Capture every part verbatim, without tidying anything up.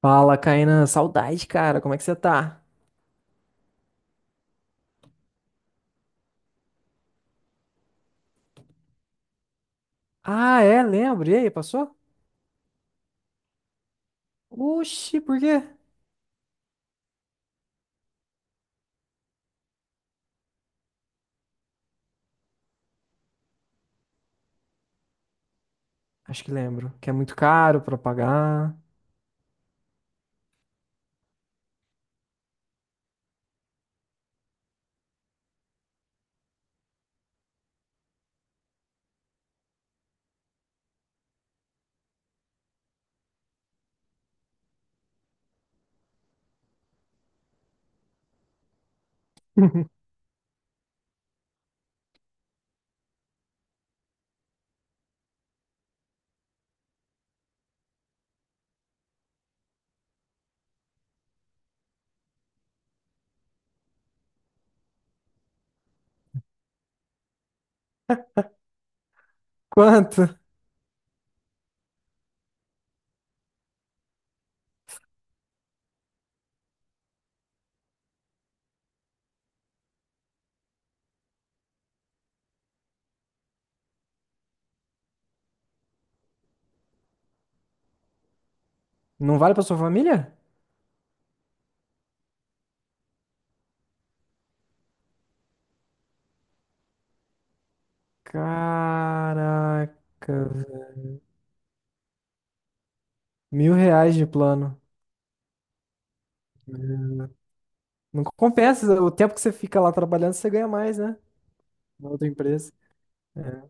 Fala, Kainan. Saudade, cara. Como é que você tá? Ah, é? Lembro. E aí, passou? Oxi, por quê? Acho que lembro. Que é muito caro pra pagar. Quanto? Não vale pra sua família? Caraca, velho. mil reais de plano. Não compensa. O tempo que você fica lá trabalhando, você ganha mais, né? Na outra empresa. É.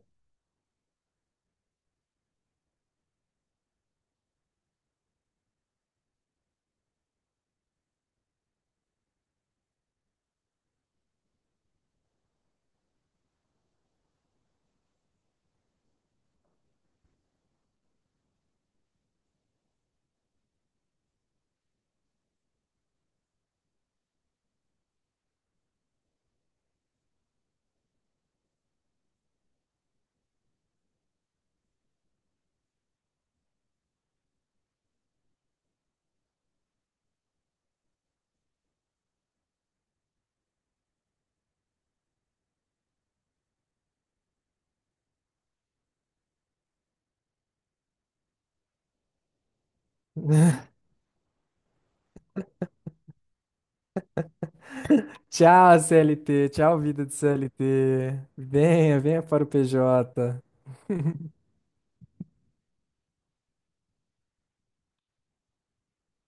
Tchau, C L T. Tchau, vida de C L T. Venha, venha para o P J.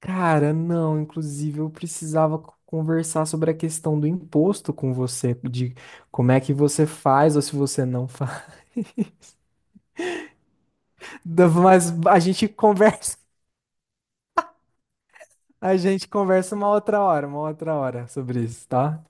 Cara, não, inclusive eu precisava co- conversar sobre a questão do imposto com você, de como é que você faz ou se você não faz. Da- Mas a gente conversa, a gente conversa uma outra hora, uma outra hora sobre isso, tá?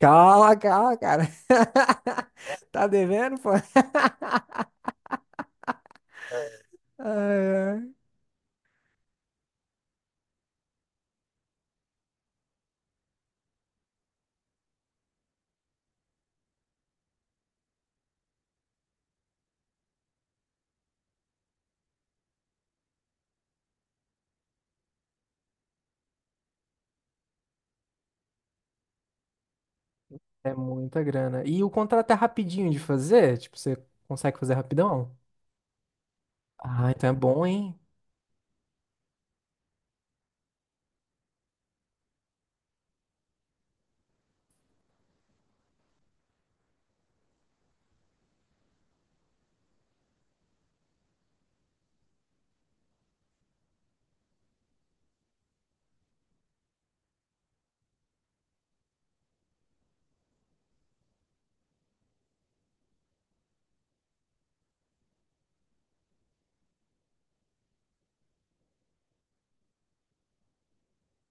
Cala, cala, cara. Tá devendo, pô? Ai, ai. É muita grana. E o contrato é rapidinho de fazer? Tipo, você consegue fazer rapidão? Ah, então é bom, hein?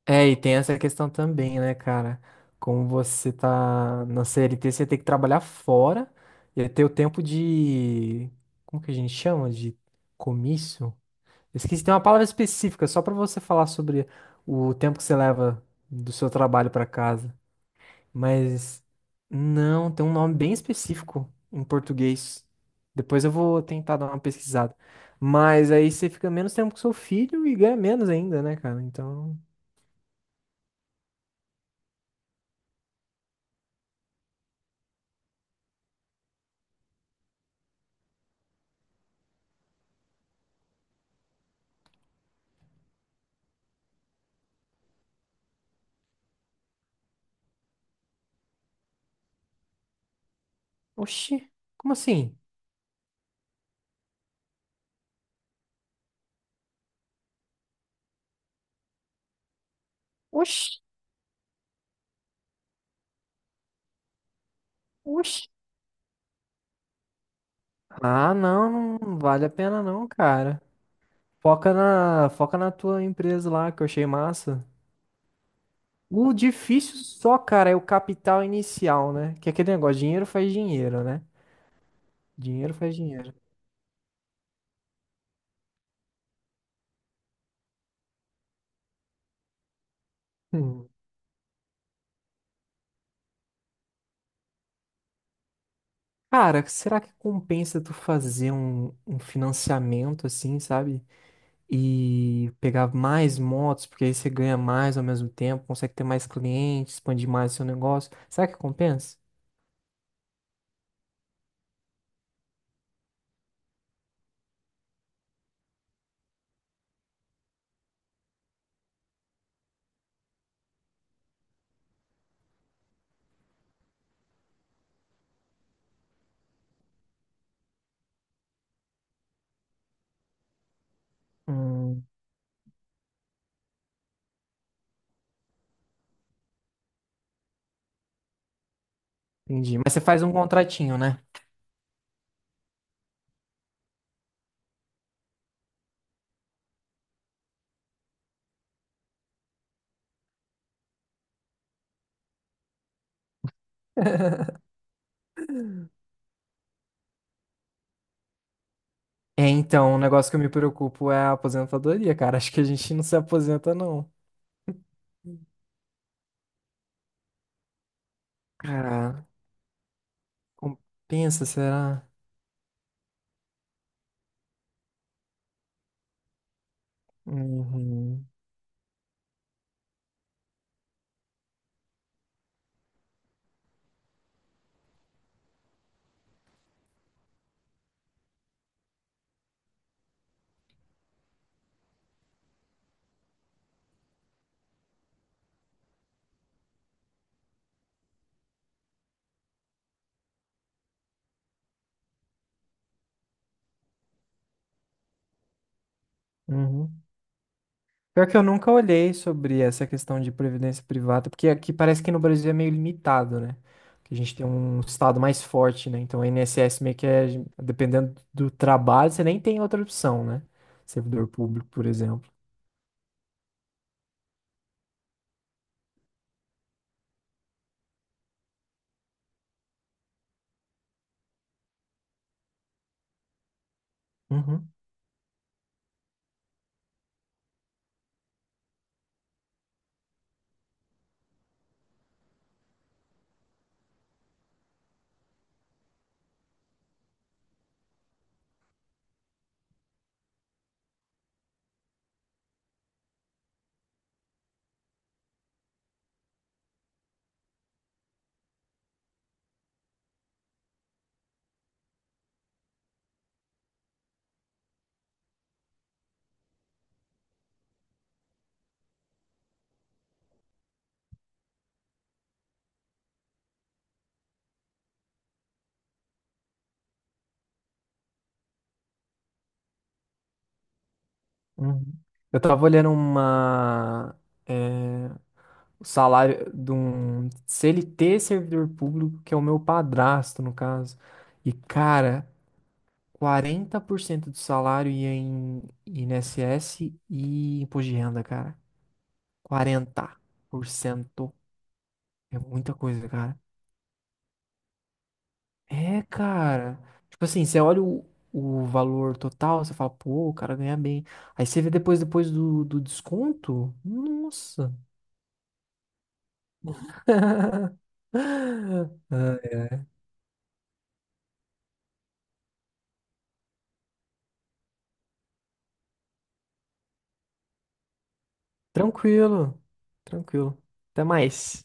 É, e tem essa questão também, né, cara? Como você tá na C L T, você tem que trabalhar fora e ter o tempo de. Como que a gente chama? De comício? Eu Esqueci, tem uma palavra específica só pra você falar sobre o tempo que você leva do seu trabalho pra casa. Mas não, tem um nome bem específico em português. Depois eu vou tentar dar uma pesquisada. Mas aí você fica menos tempo com seu filho e ganha menos ainda, né, cara? Então. Oxi, como assim? Oxi, oxi. Ah, não, não vale a pena não, cara. Foca na, foca na tua empresa lá, que eu achei massa. O difícil só, cara, é o capital inicial, né? Que é aquele negócio, dinheiro faz dinheiro, né? Dinheiro faz dinheiro. Hum. Cara, será que compensa tu fazer um, um financiamento assim, sabe? E pegar mais motos, porque aí você ganha mais ao mesmo tempo, consegue ter mais clientes, expandir mais seu negócio. Será que compensa? Hum, Entendi. Mas você faz um contratinho, né? É, então, o negócio que eu me preocupo é a aposentadoria, cara. Acho que a gente não se aposenta, não. Cara, compensa, será? Uhum, uhum. Pior que eu nunca olhei sobre essa questão de previdência privada, porque aqui parece que no Brasil é meio limitado, né? Que a gente tem um estado mais forte, né? Então, o INSS meio que é, dependendo do trabalho, você nem tem outra opção, né? Servidor público, por exemplo. Uhum. Uhum. Eu tava olhando uma, é, o salário de um C L T servidor público, que é o meu padrasto, no caso. E, cara, quarenta por cento do salário ia em INSS e imposto de renda, cara. quarenta por cento é muita coisa, cara. É, cara. Tipo assim, você olha o, o valor total, você fala, pô, o cara ganha bem. Aí você vê depois, depois do, do desconto, nossa. Ah, Tranquilo, tranquilo. Até mais.